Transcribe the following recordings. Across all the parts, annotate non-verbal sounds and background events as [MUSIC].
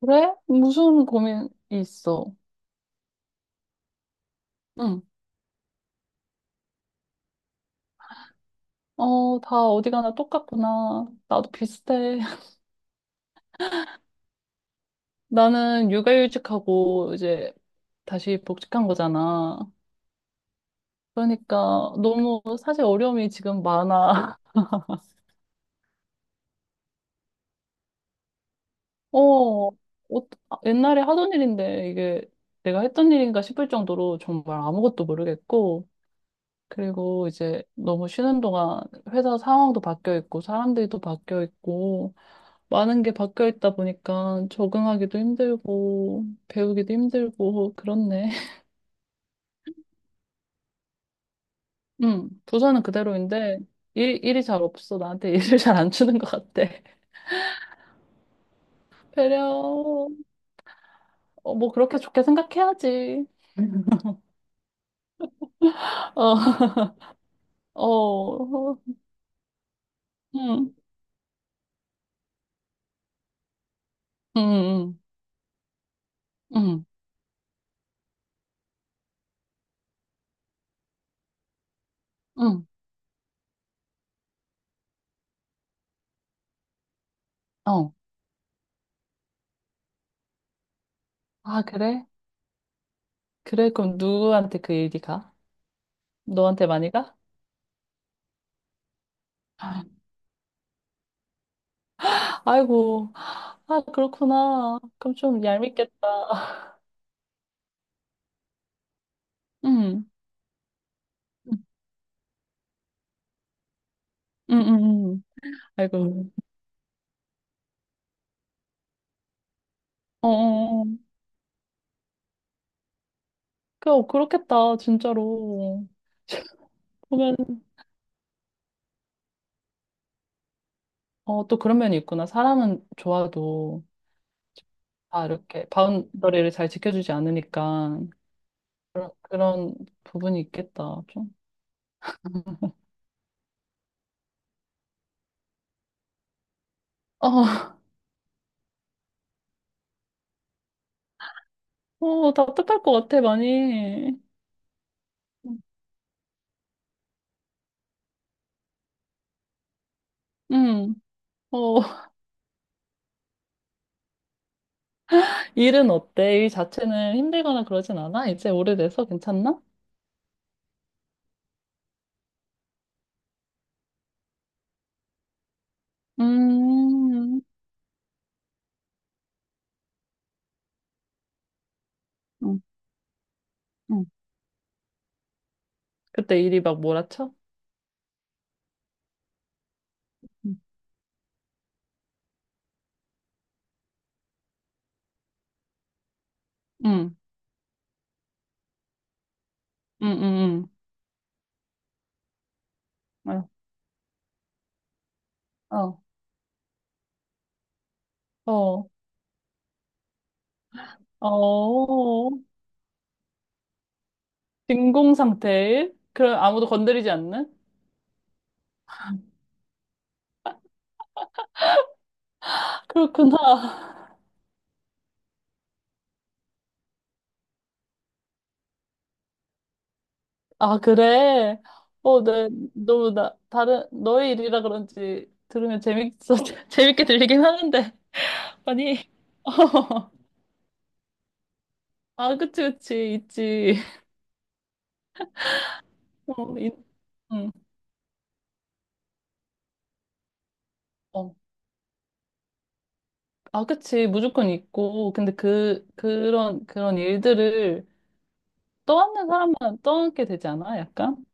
그래? 무슨 고민이 있어? 응. 어, 다 어디 가나 똑같구나. 나도 비슷해. [LAUGHS] 나는 육아휴직하고 이제 다시 복직한 거잖아. 그러니까 너무 사실 어려움이 지금 많아. [LAUGHS] 어, 어, 아, 옛날에 하던 일인데 이게 내가 했던 일인가 싶을 정도로 정말 아무것도 모르겠고. 그리고 이제 너무 쉬는 동안 회사 상황도 바뀌어 있고 사람들도 바뀌어 있고 많은 게 바뀌어 있다 보니까 적응하기도 힘들고 배우기도 힘들고 그렇네. [LAUGHS] 응, 부서는 그대로인데 일이 잘 없어. 나한테 [LAUGHS] 일을 잘 안 주는 것 같아. [LAUGHS] 배려, 어, 뭐 그렇게 좋게 생각해야지. [LAUGHS] 어, 어, 응, 응, 응, 응, 응, 응. 어. 아, 그래? 그래, 그럼 누구한테 그 일이 가? 너한테 많이 가? 아이고, 아, 그렇구나. 그럼 좀 얄밉겠다. [LAUGHS] 응. 응응응. 아이고. 어, 어, 어. 그, 어, 그렇겠다, 진짜로. 보면, 어, 또 그런 면이 있구나. 사람은 좋아도 다 이렇게 바운더리를 잘 지켜주지 않으니까 그런 부분이 있겠다, 좀. 어, [LAUGHS] 어, 답답할 것 같아, 많이. 응. 어, [LAUGHS] 일은 어때? 일 자체는 힘들거나 그러진 않아? 이제 오래돼서 괜찮나? 음, 응, 응. 그때 일이 막 몰아쳐? 응, 응, 응, 응. 어, 어, 어, 진공 상태. 그럼 아무도 건드리지 않는? 그렇구나. 아, 그래. 어, 네. 너무 나, 다른, 너의 일이라 그런지 들으면 재밌어. [LAUGHS] 재밌게 들리긴 하는데. 아니, 아, 그치, 그치. 있지. 어, 있, 응. 어, 아, 그치. 무조건 있고. 근데 그, 그런, 그런 일들을 떠안는 사람만 떠안게 되지 않아? 약간?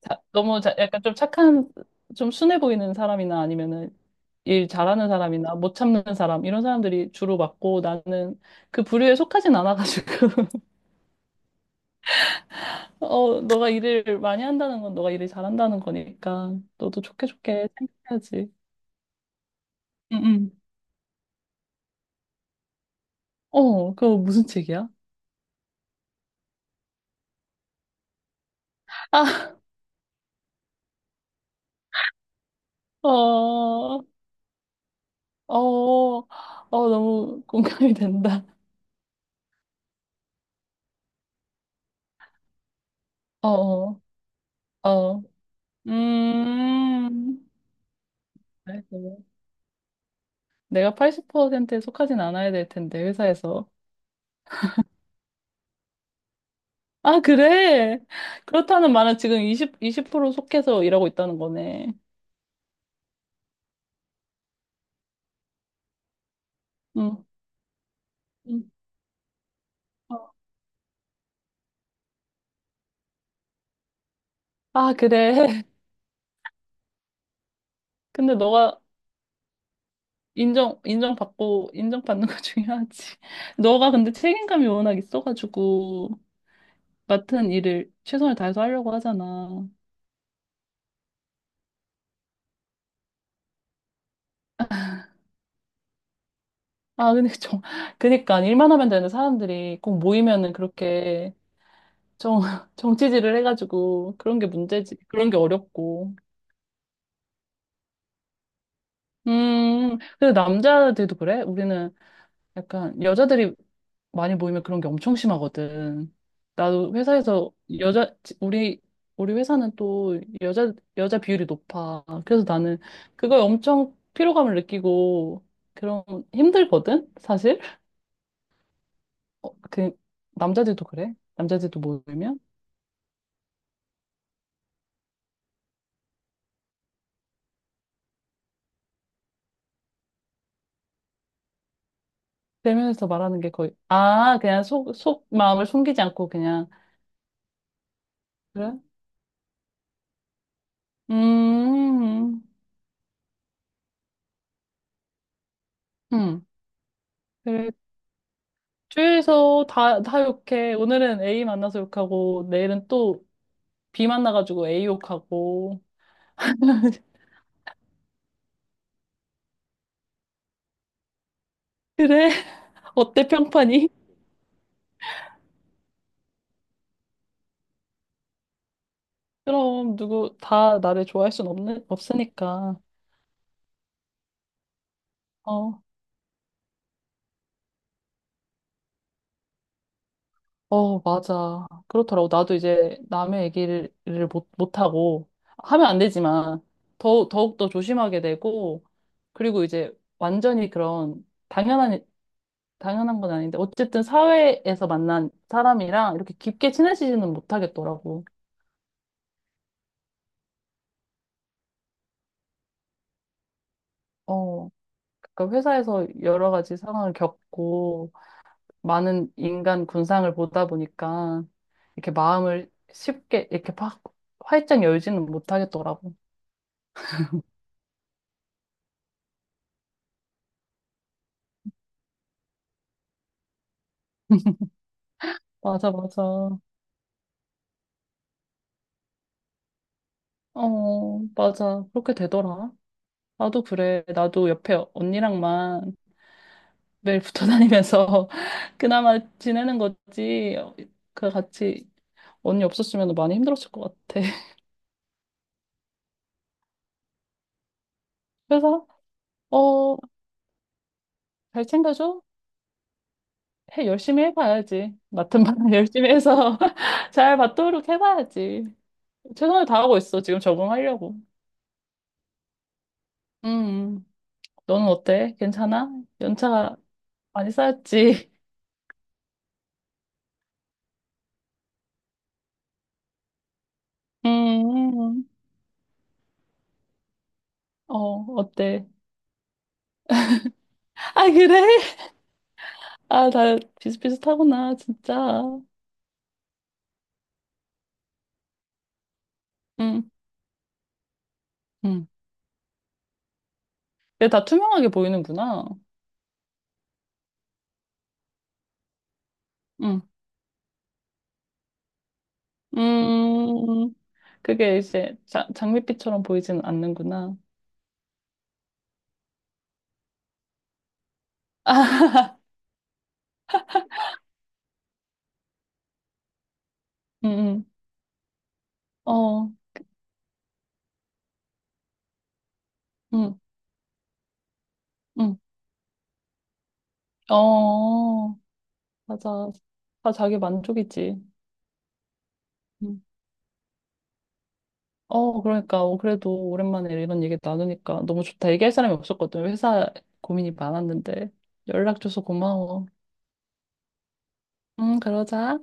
너무 약간 좀 착한, 좀 순해 보이는 사람이나 아니면은 일 잘하는 사람이나 못 참는 사람 이런 사람들이 주로 맞고 나는 그 부류에 속하진 않아가지고 [LAUGHS] 어 너가 일을 많이 한다는 건 너가 일을 잘한다는 거니까 너도 좋게 좋게 생각해야지. 응응. 어 그거 무슨 책이야? 아, [LAUGHS] 어, 어, 어, 너무 공감이 된다. 어, 어, 어. 음. 그래어 내가 80%에 속하진 않아야 될 텐데, 회사에서. 아, 그래? 그렇다는 말은 지금 20% 속해서 일하고 있다는 거네. 응. 응. 어. 아, 그래. [LAUGHS] 근데 너가 인정받고, 인정받는 거 중요하지. [LAUGHS] 너가 근데 책임감이 워낙 있어가지고, 맡은 일을 최선을 다해서 하려고 하잖아. 아, 근데 [LAUGHS] 그니까, 일만 하면 되는 사람들이 꼭 모이면은 그렇게 정, [LAUGHS] 정치질을 해가지고, 그런 게 문제지. 그런 게 어렵고. 근데 남자들도 그래? 우리는 약간 여자들이 많이 모이면 그런 게 엄청 심하거든. 나도 회사에서 여자 우리 우리 회사는 또 여자 비율이 높아. 그래서 나는 그걸 엄청 피로감을 느끼고 그런 힘들거든, 사실. 어, 그 남자들도 그래. 남자들도 모이면 대면에서 말하는 게 거의 아, 그냥 속 마음을 숨기지 않고 그냥 그래? 음. 음. 음. 그래. 주위에서 다 욕해. 오늘은 A 만나서 욕하고, 내일은 또 B 만나가지고 A 욕하고. [LAUGHS] 그래? 어때, 평판이? 그럼, 누구, 다 나를 좋아할 순 없는, 없으니까. 어, 어, 맞아. 그렇더라고. 나도 이제 남의 얘기를 못, 못하고, 하면 안 되지만, 더욱더 조심하게 되고, 그리고 이제 완전히 그런 당연한 건 아닌데 어쨌든 사회에서 만난 사람이랑 이렇게 깊게 친해지지는 못하겠더라고. 어, 그러니까 회사에서 여러 가지 상황을 겪고 많은 인간 군상을 보다 보니까 이렇게 마음을 쉽게 이렇게 팍 활짝 열지는 못하겠더라고. 맞아, 맞아. 어, 맞아. 그렇게 되더라. 나도 그래. 나도 옆에 언니랑만 매일 붙어 다니면서 [LAUGHS] 그나마 지내는 거지. 그 같이 언니 없었으면 많이 힘들었을 것 같아. [LAUGHS] 그래서, 어, 잘 챙겨줘? 해, 열심히 해봐야지. 맡은 바는 [LAUGHS] 열심히 해서 [LAUGHS] 잘 받도록 해봐야지. 최선을 다하고 있어, 지금 적응하려고. 음, 너는 어때? 괜찮아? 연차가 많이 쌓였지? [LAUGHS] 음, 어, 어때? 아, 그래? 아, 다 비슷비슷하구나, 진짜. 음, 음. 근데 다 투명하게 보이는구나. 음, 음. 그게 이제 자, 장밋빛처럼 보이진 않는구나. 아, [LAUGHS] 응, 응. 어, 응, 응. 어, 맞아. 다 자기 만족이지. 음. 어, 그러니까. 어, 그래도 오랜만에 이런 얘기 나누니까 너무 좋다. 얘기할 사람이 없었거든. 회사 고민이 많았는데. 연락 줘서 고마워. 응, 그러자.